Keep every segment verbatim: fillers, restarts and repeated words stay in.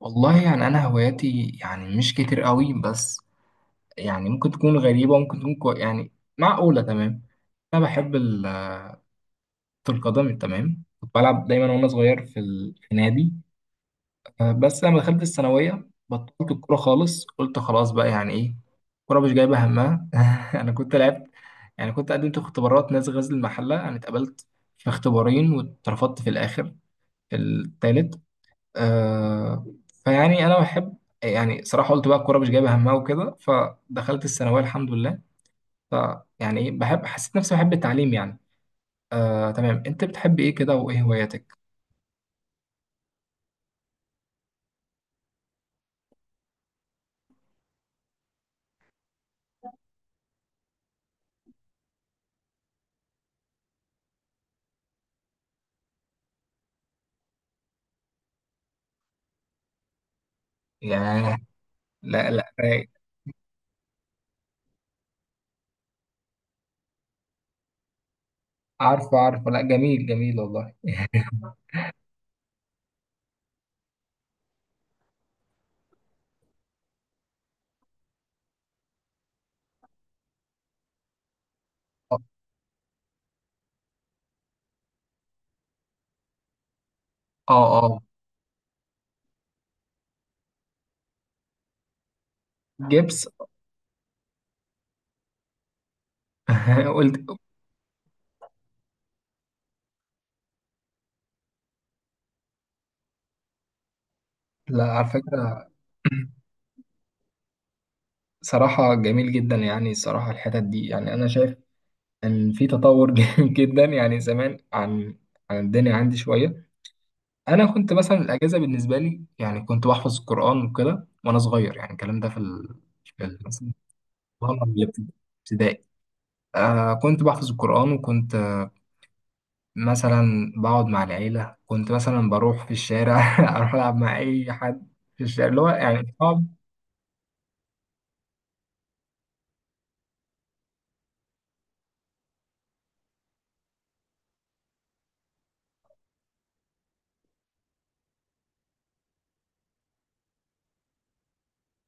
والله يعني انا هواياتي يعني مش كتير قوي، بس يعني ممكن تكون غريبه، ممكن تكون كو... يعني معقوله. تمام، انا بحب ال- كرة القدم. تمام، كنت بلعب دايما وانا صغير في ال- في نادي. آه، بس لما دخلت الثانويه بطلت الكوره خالص، قلت خلاص بقى يعني ايه، الكوره مش جايبه همها. انا كنت لعبت، يعني كنت قدمت في اختبارات نادي غزل المحله. انا اتقبلت في اختبارين واترفضت في الاخر، في الثالث. آه، فيعني انا بحب، يعني صراحه قلت بقى الكوره مش جايبه همها وكده، فدخلت الثانويه الحمد لله. فيعني ايه، بحب، حسيت نفسي بحب التعليم يعني. آه تمام، انت بتحب ايه كده وايه هواياتك؟ ياه. لا لا رايق. عارفه عارفه، لا جميل جميل والله. اه اه. جبس. قلت لا، على فكره. صراحة جميل جدا يعني، صراحة الحتت دي يعني أنا شايف إن في تطور جدا يعني زمان، عن عن الدنيا عندي شوية. انا كنت مثلا الاجازه بالنسبه لي يعني كنت بحفظ القران وكده وانا صغير، يعني الكلام ده في ال... في ال- مثلا وأنا في الابتدائي. آه، كنت بحفظ القران وكنت مثلا بقعد مع العيله، كنت مثلا بروح في الشارع اروح العب مع اي حد في الشارع، اللي هو يعني صعب.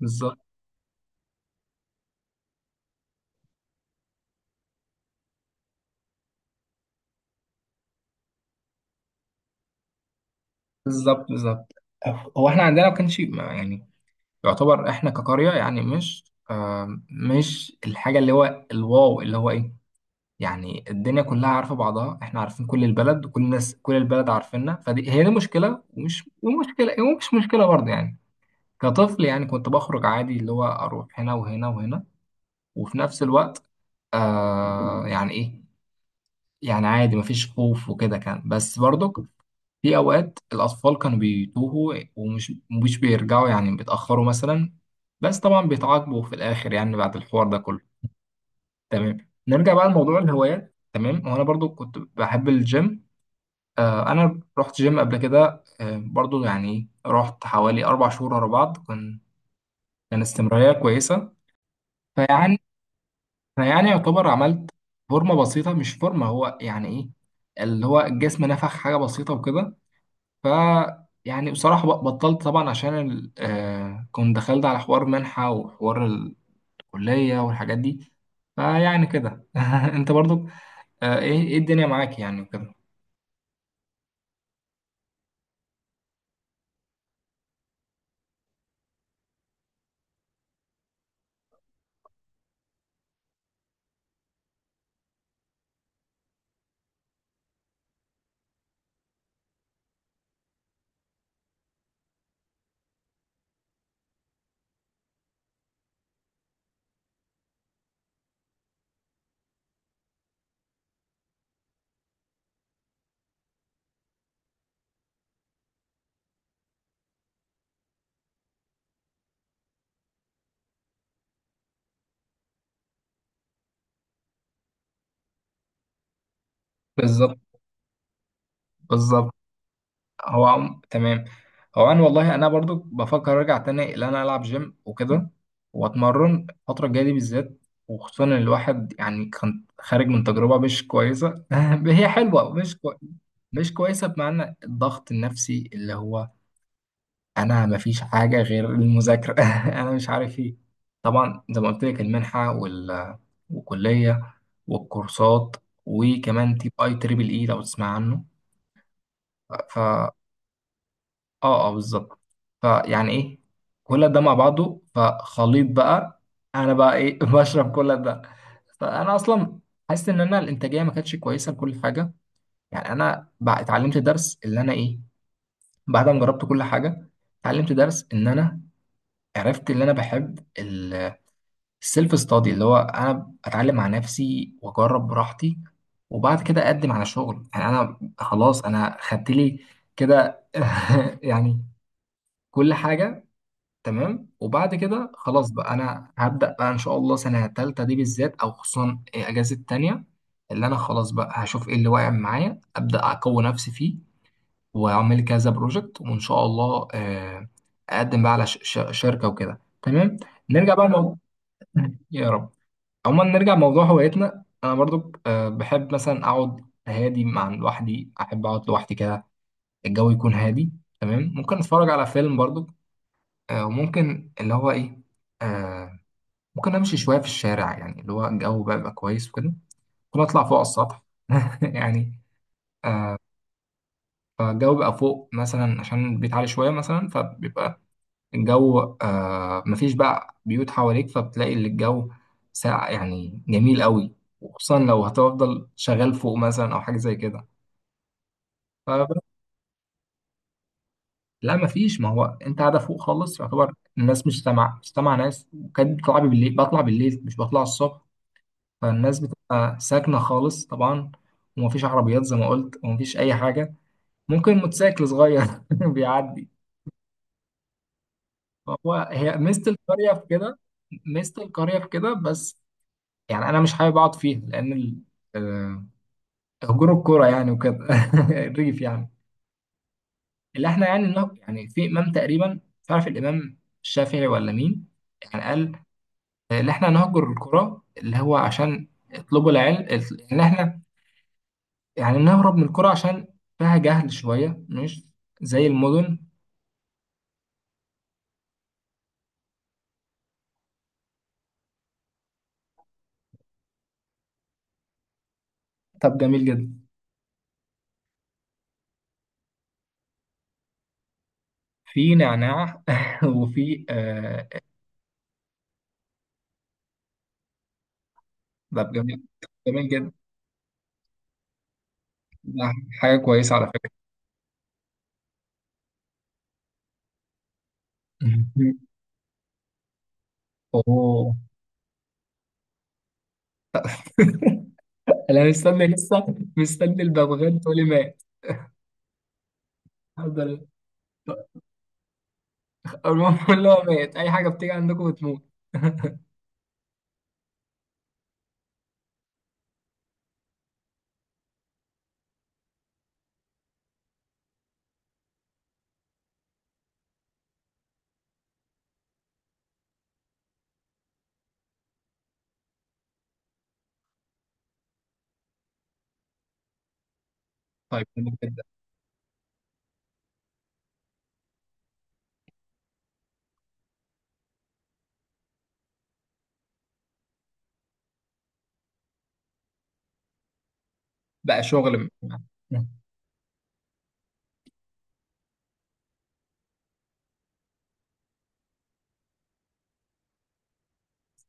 بالظبط بالظبط بالظبط. هو احنا عندنا ما كانش ما- يعني يعتبر احنا كقريه يعني مش، آه مش الحاجه اللي هو الواو اللي هو ايه. يعني الدنيا كلها عارفة بعضها، احنا عارفين كل البلد وكل الناس، كل البلد عارفيننا، فدي هي دي مشكلة ومش ومشكلة ومش مشكلة برضه يعني. كطفل يعني كنت بخرج عادي، اللي هو اروح هنا وهنا وهنا، وفي نفس الوقت آه يعني ايه، يعني عادي مفيش خوف وكده، كان بس برضك في اوقات الاطفال كانوا بيتوهوا ومش مش بيرجعوا، يعني بيتاخروا مثلا، بس طبعا بيتعاقبوا في الاخر يعني بعد الحوار ده كله. تمام، نرجع بقى لموضوع الهوايات. تمام، وانا برضو كنت بحب الجيم. آه، انا رحت جيم قبل كده، آه، برضو يعني رحت حوالي اربع شهور ورا بعض، كان كان استمراريه كويسه. فيعني انا يعني يعتبر عملت فورمه بسيطه، مش فورمه، هو يعني ايه، اللي هو الجسم نفخ حاجه بسيطه وكده. ف يعني بصراحه ب- بطلت طبعا عشان ال- آه، كنت دخلت على حوار منحه وحوار الكليه والحاجات دي. فيعني كده انت برضو آه، ايه ايه الدنيا معاك يعني وكده. بالظبط بالظبط. هو عم... تمام. هو انا والله انا برضو بفكر ارجع تاني ان انا العب جيم وكده، واتمرن الفتره الجايه دي بالذات، وخصوصا ان الواحد يعني كان خارج من تجربه مش كويسه هي حلوه مش كو... مش كويسه، بمعنى الضغط النفسي اللي هو انا مفيش حاجه غير المذاكره انا مش عارف ايه. طبعا زي ما قلت لك المنحه وال... والكليه والكورسات، وكمان تيب اي تريبل اي لو تسمع عنه. اه اه بالظبط. فيعني ايه كل ده مع بعضه فخليط بقى، انا بقى ايه بشرب كل ده. فانا اصلا حاسس ان انا الانتاجيه ما كانتش كويسه لكل حاجه. يعني انا بقى اتعلمت درس اللي انا ايه، بعد ما جربت كل حاجه اتعلمت درس ان انا عرفت اللي انا بحب، السيلف ستادي، اللي هو انا اتعلم مع نفسي واجرب براحتي، وبعد كده اقدم على شغل. يعني انا خلاص انا خدت لي كده يعني كل حاجه. تمام وبعد كده خلاص بقى انا هبدأ بقى ان شاء الله سنة تالتة دي بالذات او خصوصا اجازة تانية، اللي انا خلاص بقى هشوف ايه اللي واقع معايا، أبدأ اقوي نفسي فيه، واعمل كذا بروجكت، وان شاء الله آه، اقدم بقى على ش- ش- شركة وكده تمام. نرجع بقى الموضوع. يا رب. عموما نرجع لموضوع هوايتنا. انا برضو آه، بحب مثلا اقعد هادي مع لوحدي، احب اقعد لوحدي كده، الجو يكون هادي. تمام ممكن اتفرج على فيلم برضو، آه، وممكن اللي هو ايه، آه ممكن امشي شويه في الشارع يعني اللي هو الجو بقى بيبقى كويس وكده، ممكن اطلع فوق على السطح يعني. فالجو بقى فوق مثلا عشان البيت عالي شويه مثلا، فبيبقى الجو آه، مفيش بقى بيوت حواليك فبتلاقي اللي الجو ساقع يعني جميل قوي، وخصوصا لو هتفضل شغال فوق مثلا او حاجه زي كده. ف لا مفيش، ما هو انت قاعده فوق خالص يعتبر الناس مش سامعه، مش سامعه ناس، وكانت بتطلع بالليل بطلع بالليل مش بطلع الصبح. فالناس بتبقى ساكنة خالص طبعا، ومفيش عربيات زي ما قلت، ومفيش أي حاجة، ممكن موتوسيكل صغير بيعدي. فهو هي ميزة القرية في كده. ميزة القرية في كده بس. يعني أنا مش حابب أقعد فيها لأن ال- آه، هجور الكورة يعني وكده الريف يعني. اللي احنا يعني إنه يعني في إمام تقريبا مش عارف الإمام الشافعي ولا مين، يعني قال آه، اللي احنا نهجر الكرة اللي هو عشان اطلبوا العلم، اللي احنا يعني نهرب من القرى عشان فيها جهل شوية مش زي المدن. طب جميل جدا. في نعناع وفي آه. طب جميل جميل جدا. ده حاجة كويسة على فكرة. أوه. أنا مستني لسه، مستني الببغان تقولي مات. الحمد لله. المهم اللي هو مات، أي حاجة بتيجي عندكم بتموت. طيب جميل جدا. بقى شغل م-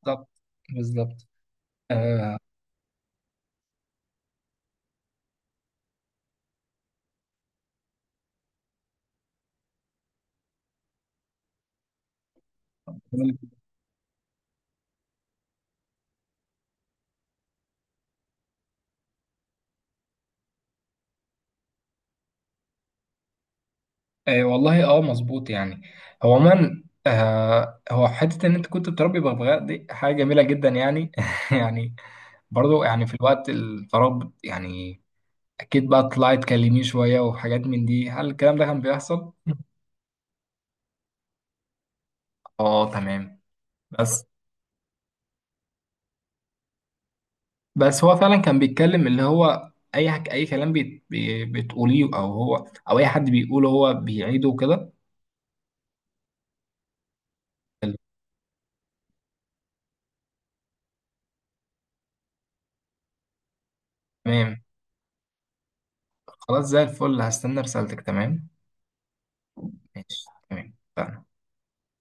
بالظبط بالظبط. آه آه والله اه مظبوط يعني. هو عموما آه هو حته ان انت كنت بتربي بغبغاء دي حاجه جميله جدا يعني يعني برضو يعني في الوقت الفراغ بت- يعني اكيد بقى طلعت تكلميه شويه وحاجات من دي. هل الكلام ده كان بيحصل؟ اه تمام. بس بس هو فعلا كان بيتكلم اللي هو اي حك... اي كلام بي... بي... بتقوليه او هو او اي حد بيقوله هو بيعيده كده. تمام خلاص زي الفل هستنى رسالتك. تمام ماشي تمام.